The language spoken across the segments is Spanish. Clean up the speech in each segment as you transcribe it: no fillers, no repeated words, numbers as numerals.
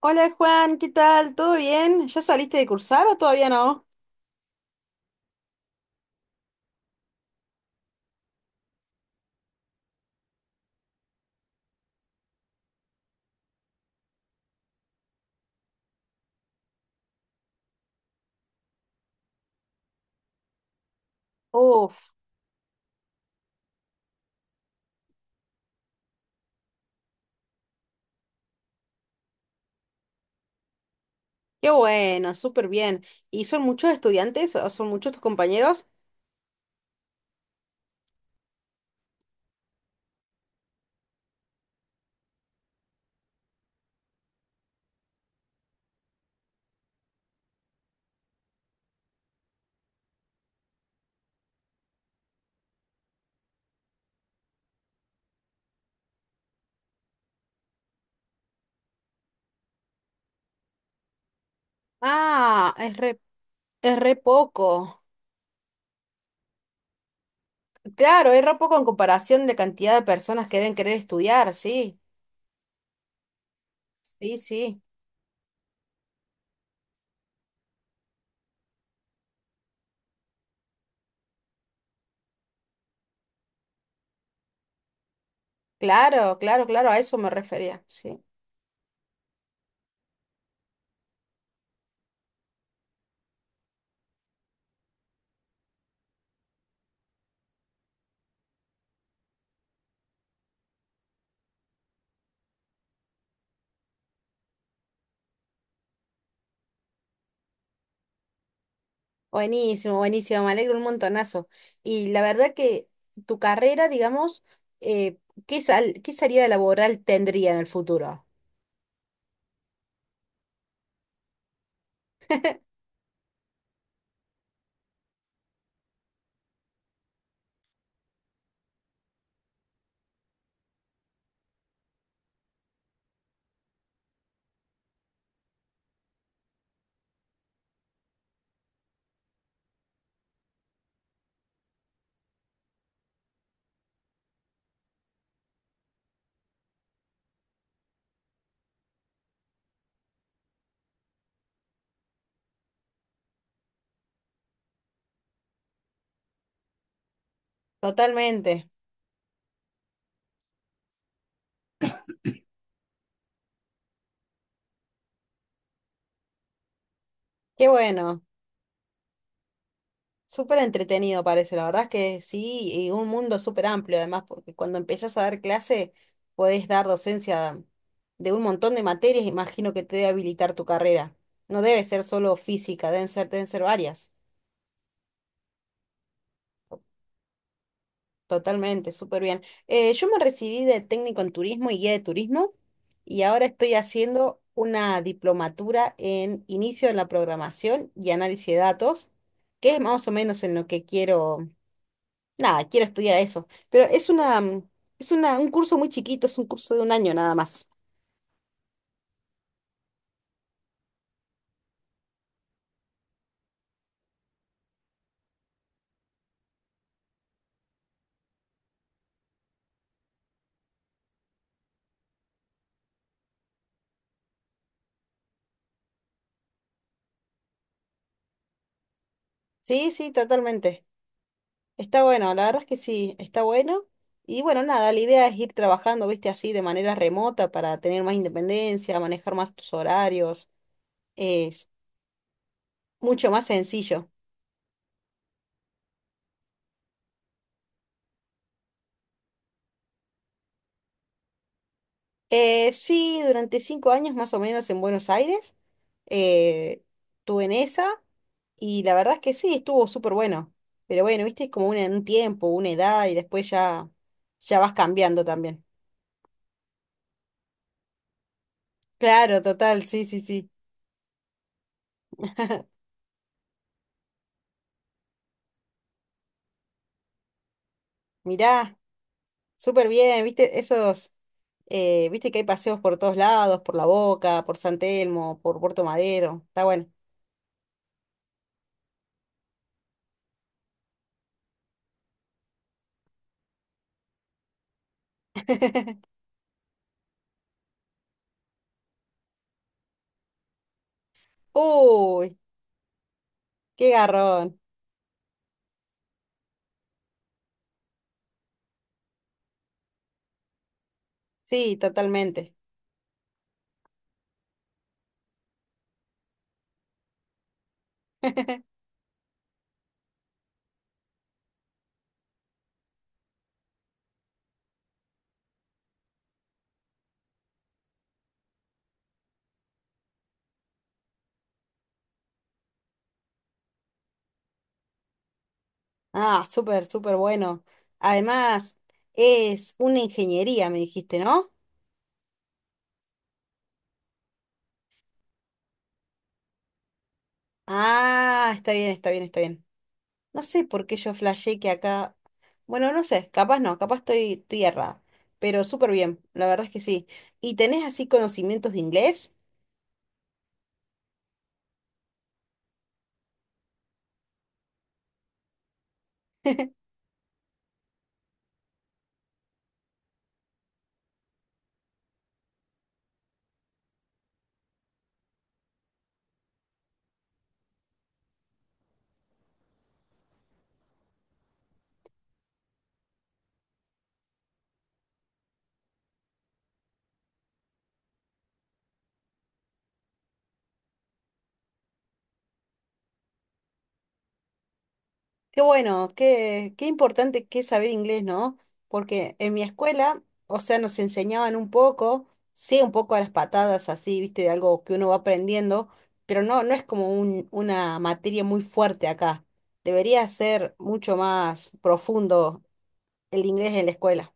Hola Juan, ¿qué tal? ¿Todo bien? ¿Ya saliste de cursar o todavía no? Uf, qué bueno, súper bien. ¿Y son muchos estudiantes o son muchos tus compañeros? Ah, es re poco. Claro, es re poco en comparación de cantidad de personas que deben querer estudiar, sí. Sí, sí. Claro, claro, claro, a eso me refería, sí. Buenísimo, buenísimo, me alegro un montonazo. Y la verdad que tu carrera, digamos, eh, qué salida laboral tendría en el futuro? Totalmente. Qué bueno. Súper entretenido parece. La verdad es que sí, y un mundo súper amplio además, porque cuando empezás a dar clase, podés dar docencia de un montón de materias. Imagino que te debe habilitar tu carrera. No debe ser solo física, deben ser varias. Totalmente, súper bien. Yo me recibí de técnico en turismo y guía de turismo, y ahora estoy haciendo una diplomatura en inicio en la programación y análisis de datos, que es más o menos en lo que quiero. Nada, quiero estudiar eso. Pero un curso muy chiquito, es un curso de un año nada más. Sí, sí, totalmente. Está bueno, la verdad es que sí, está bueno. Y bueno, nada, la idea es ir trabajando, viste, así de manera remota para tener más independencia, manejar más tus horarios. Es mucho más sencillo. Sí, durante 5 años más o menos en Buenos Aires, eh, estuve en esa y la verdad es que sí, estuvo súper bueno. Pero bueno, viste, es como un tiempo, una edad y después ya, ya vas cambiando también. Claro, total, sí, sí, sí. Mirá, súper bien, viste, viste que hay paseos por todos lados, por La Boca, por San Telmo, por Puerto Madero, está bueno. Uy, qué garrón. Sí, totalmente. Ah, súper, súper bueno. Además, es una ingeniería, me dijiste, ¿no? Ah, está bien, está bien, está bien. No sé por qué yo flashé que acá... Bueno, no sé, capaz no, estoy errada. Pero súper bien, la verdad es que sí. ¿Y tenés así conocimientos de inglés? Qué bueno, qué importante que es saber inglés, ¿no? Porque en mi escuela, o sea, nos enseñaban un poco, sí, un poco a las patadas, así, viste, de algo que uno va aprendiendo, pero no, no es como una materia muy fuerte acá. Debería ser mucho más profundo el inglés en la escuela.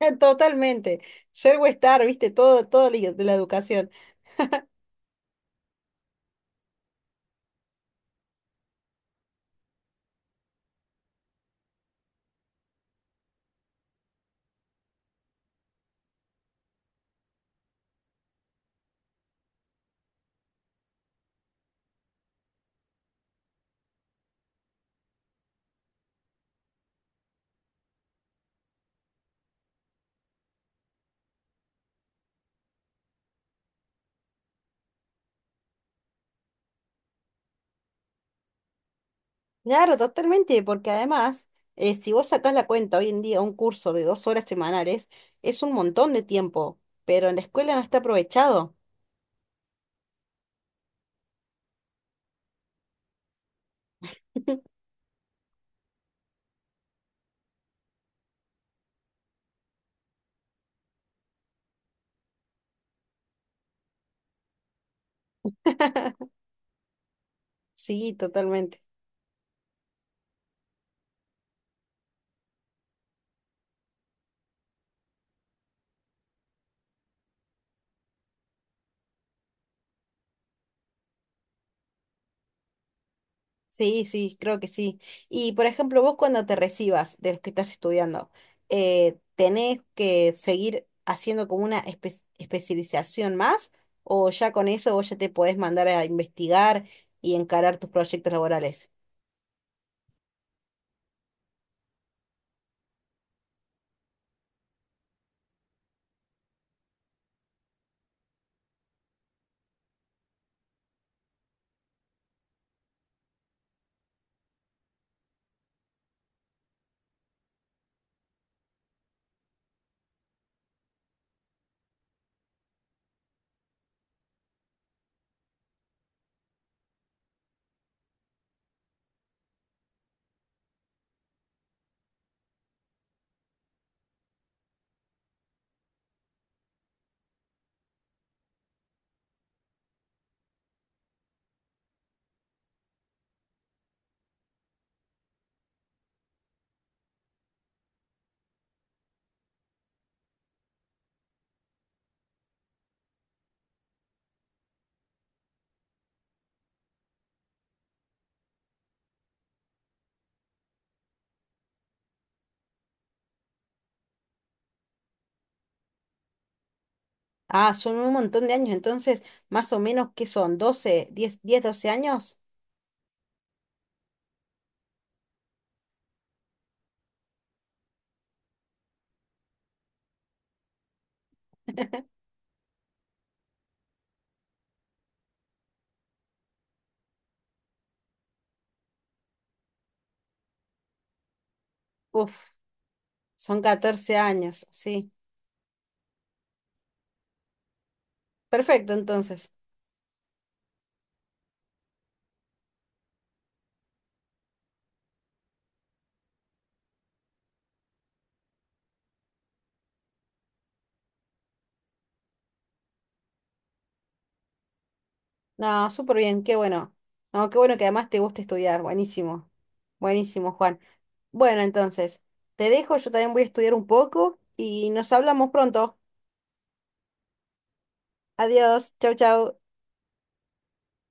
Totalmente. Ser o estar, viste, de la educación. Claro, totalmente, porque además, si vos sacás la cuenta hoy en día, un curso de 2 horas semanales es un montón de tiempo, pero en la escuela no está aprovechado. Sí, totalmente. Sí, sí, creo que sí. Y por ejemplo, vos cuando te recibas de los que estás estudiando, ¿tenés que seguir haciendo como una especialización más? ¿O ya con eso vos ya te podés mandar a investigar y encarar tus proyectos laborales? Ah, son un montón de años, entonces, más o menos, ¿qué son? ¿12, 10, 10, 12 años? Uf, son 14 años, sí. Perfecto, entonces. No, súper bien, qué bueno. No, qué bueno que además te gusta estudiar, buenísimo. Buenísimo, Juan. Bueno, entonces, te dejo, yo también voy a estudiar un poco y nos hablamos pronto. Adiós, chau, chau.